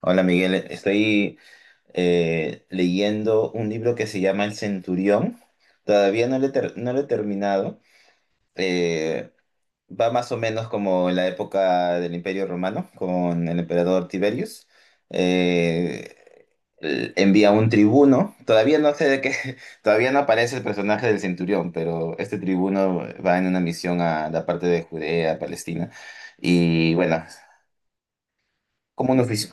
Hola Miguel, estoy leyendo un libro que se llama El Centurión. Todavía no lo no lo he terminado. Eh, Va más o menos como en la época del Imperio Romano con el emperador Tiberius. Eh, Envía un tribuno. Todavía no sé de qué, todavía no aparece el personaje del Centurión, pero este tribuno va en una misión a la parte de Judea, Palestina. Y bueno, como un ofici-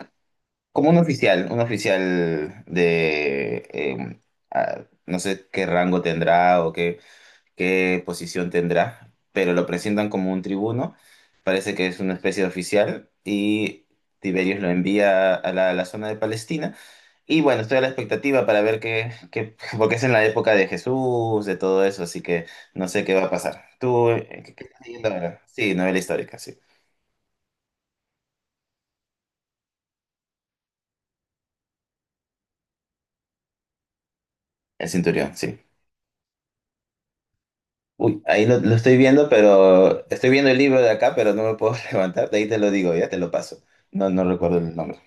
como un oficial de, no sé qué rango tendrá o qué posición tendrá, pero lo presentan como un tribuno, parece que es una especie de oficial y Tiberios lo envía a a la zona de Palestina. Y bueno, estoy a la expectativa para ver qué, porque es en la época de Jesús, de todo eso, así que no sé qué va a pasar. ¿Tú qué estás leyendo ahora? Sí, novela histórica, sí. El Centurión, sí. Uy, ahí lo estoy viendo, pero estoy viendo el libro de acá, pero no me puedo levantar. De ahí te lo digo, ya te lo paso. No, no recuerdo el nombre.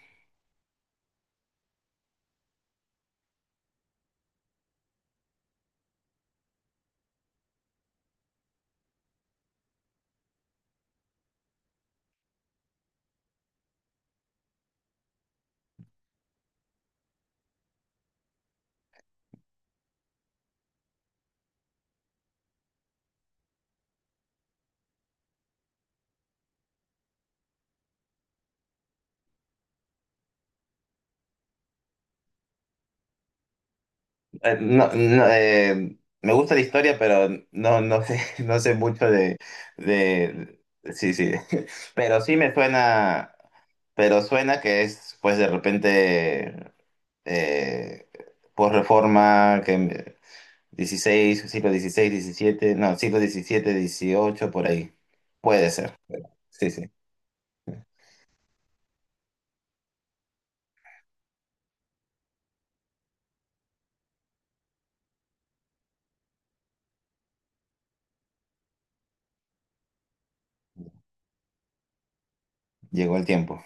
No, me gusta la historia, pero no, no sé, no sé mucho de, sí, sí. Pero sí me suena, pero suena que es, pues de repente, eh, posreforma, que 16 siglo 16 17 no, siglo 17 18 por ahí. Puede ser. Sí, sí. Llegó el tiempo.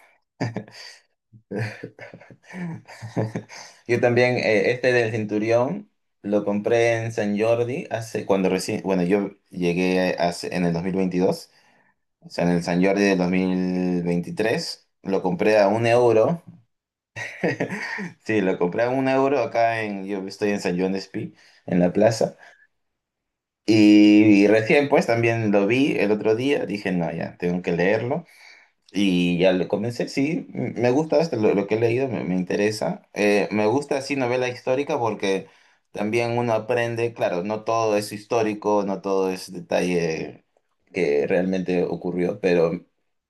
Yo también, este del Centurión, lo compré en San Jordi hace, cuando recién, bueno, yo llegué hace, en el dos mil veintidós. O sea, en el San Jordi del 2023 lo compré a un euro. Sí, lo compré a un euro acá en, yo estoy en San Juan de Espí, en la plaza. Y recién pues también lo vi el otro día, dije, no, ya, tengo que leerlo. Y ya le comencé, sí, me gusta esto, lo que he leído me interesa. Me gusta así novela histórica porque también uno aprende, claro, no todo es histórico, no todo es detalle que realmente ocurrió, pero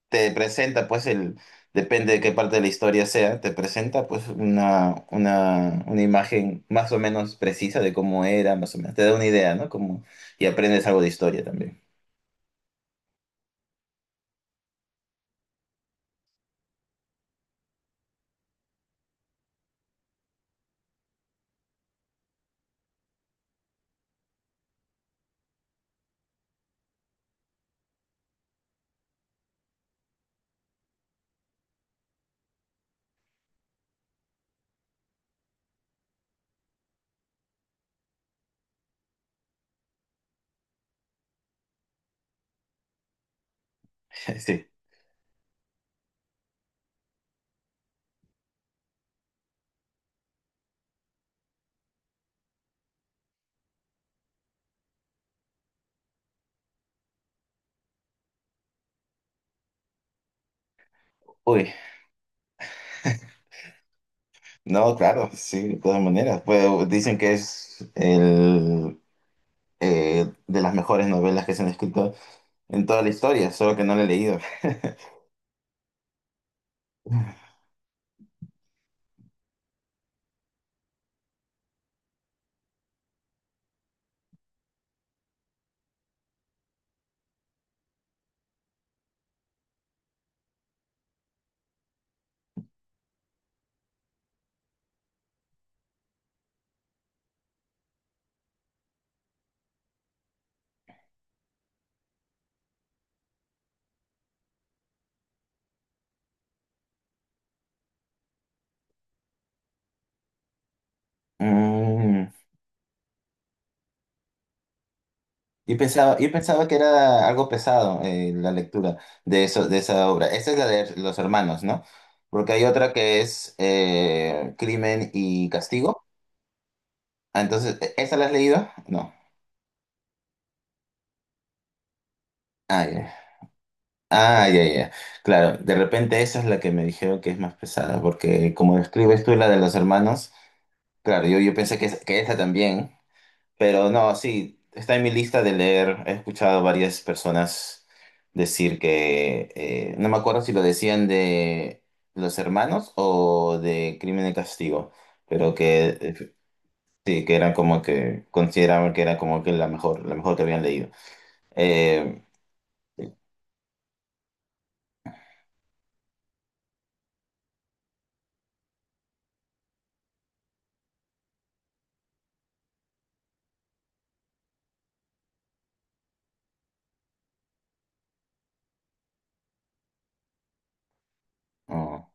te presenta pues el, depende de qué parte de la historia sea, te presenta pues una imagen más o menos precisa de cómo era, más o menos, te da una idea, ¿no? Como, y aprendes algo de historia también. Sí. Uy. No, claro, sí, de todas maneras. Pues dicen que es de las mejores novelas que se han escrito en toda la historia, solo que no la he leído. Mm, y pensaba, yo pensaba que era algo pesado la lectura de eso, de esa obra. Esta es la de Los Hermanos, ¿no? Porque hay otra que es Crimen y Castigo. Ah, entonces, ¿esta la has leído? No. Ah, ya. Ah, ya, ya. Claro, de repente esa es la que me dijeron que es más pesada, porque como describes tú la de los hermanos, claro, yo pensé que esa también, pero no, sí, está en mi lista de leer. He escuchado a varias personas decir que, no me acuerdo si lo decían de los hermanos o de Crimen y Castigo, pero que sí, que eran como que consideraban que era como que la mejor que habían leído. Eh, no.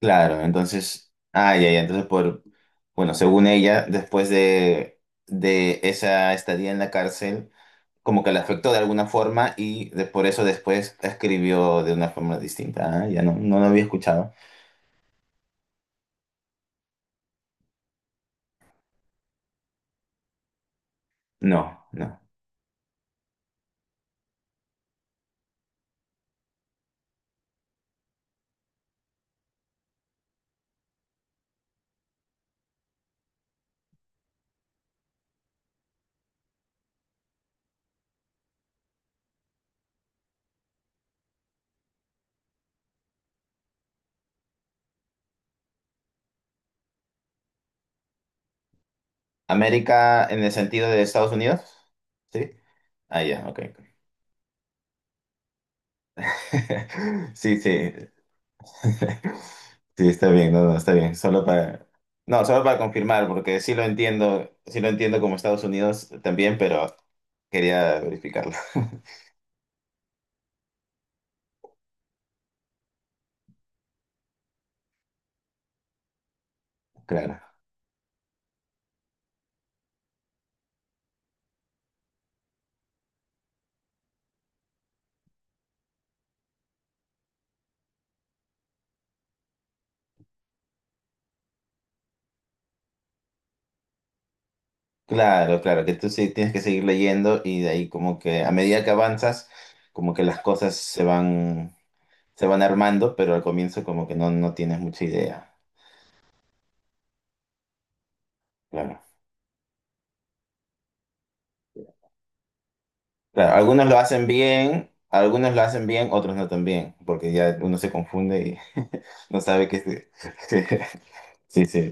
Claro, entonces, ah, ya, ya, entonces por, bueno, según ella, después de esa estadía en la cárcel, como que la afectó de alguna forma y de, por eso después escribió de una forma distinta. Ah, ya no, no lo había escuchado. No, no. América en el sentido de Estados Unidos, ¿sí? Ah, ya, ok. Sí, sí. Sí, está bien, no, no, está bien. Solo para, no, solo para confirmar, porque sí lo entiendo como Estados Unidos también, pero quería verificarlo. Claro, claro, claro, que tú sí tienes que seguir leyendo y de ahí como que a medida que avanzas, como que las cosas se van armando, pero al comienzo como que no, no tienes mucha idea. Claro, claro, algunos lo hacen bien, algunos lo hacen bien, otros no tan bien, porque ya uno se confunde y no sabe qué... Sí, sí,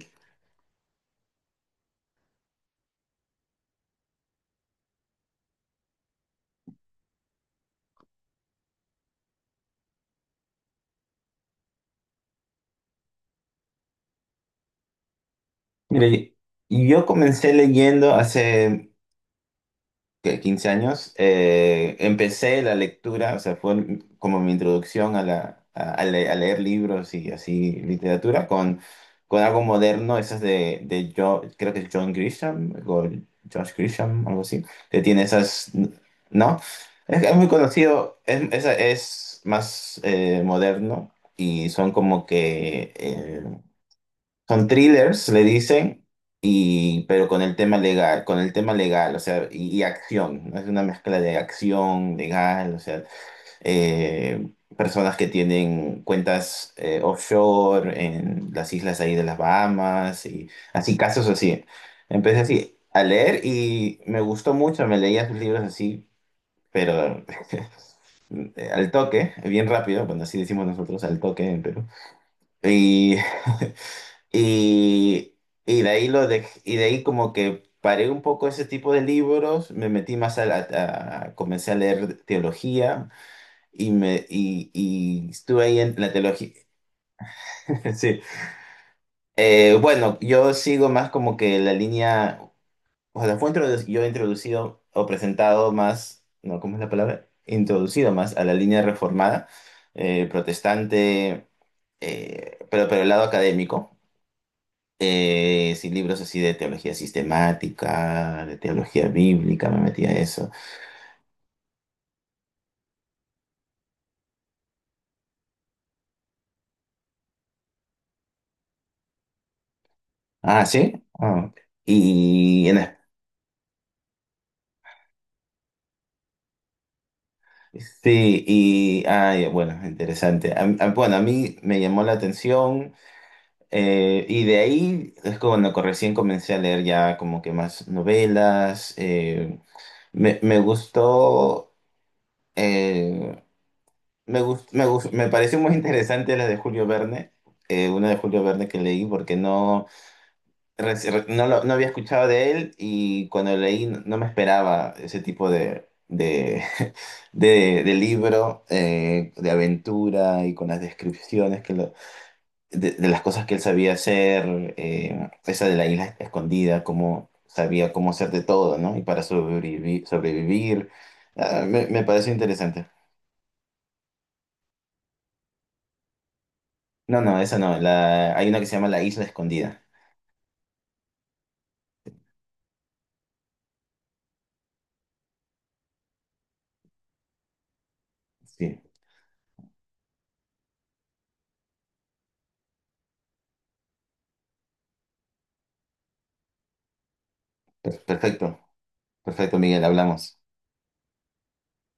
mire, yo comencé leyendo hace ¿qué? 15 años. Empecé la lectura, o sea, fue como mi introducción a, la, a le- a leer libros y así literatura con algo moderno, esas de yo, creo que es John Grisham o Josh Grisham, algo así, que tiene esas, ¿no? Es muy conocido, es más moderno y son como que son thrillers, le dicen, y, pero con el tema legal, con el tema legal, o sea, y acción. ¿No? Es una mezcla de acción, legal, o sea, personas que tienen cuentas offshore en las islas ahí de las Bahamas, y así, casos así. Empecé así a leer y me gustó mucho, me leía sus libros así, pero al toque, bien rápido, bueno, así decimos nosotros, al toque en Perú. Y Y, de ahí lo dej- y de ahí como que paré un poco ese tipo de libros, me metí más a comencé a leer teología y y estuve ahí en la teología. Sí. Bueno, yo sigo más como que la línea, o sea, yo he introducido o presentado más, no, ¿cómo es la palabra? Introducido más a la línea reformada, protestante, pero el lado académico. Sí, libros así de teología sistemática, de teología bíblica, me metí a eso. Ah, sí. Ah, ok. y en es- sí, y ay, bueno, interesante. Bueno, a mí me llamó la atención y de ahí es cuando recién comencé a leer ya como que más novelas. Me gustó, eh, me pareció muy interesante la de Julio Verne, una de Julio Verne que leí porque no no, no había escuchado de él y cuando lo leí no me esperaba ese tipo de libro de aventura y con las descripciones que de las cosas que él sabía hacer, esa de la isla escondida, cómo sabía cómo hacer de todo, ¿no? Y para sobrevivir, sobrevivir. Ah, me pareció interesante. No, no, esa no. La, hay una que se llama La Isla Escondida. Sí, perfecto, perfecto, Miguel, hablamos.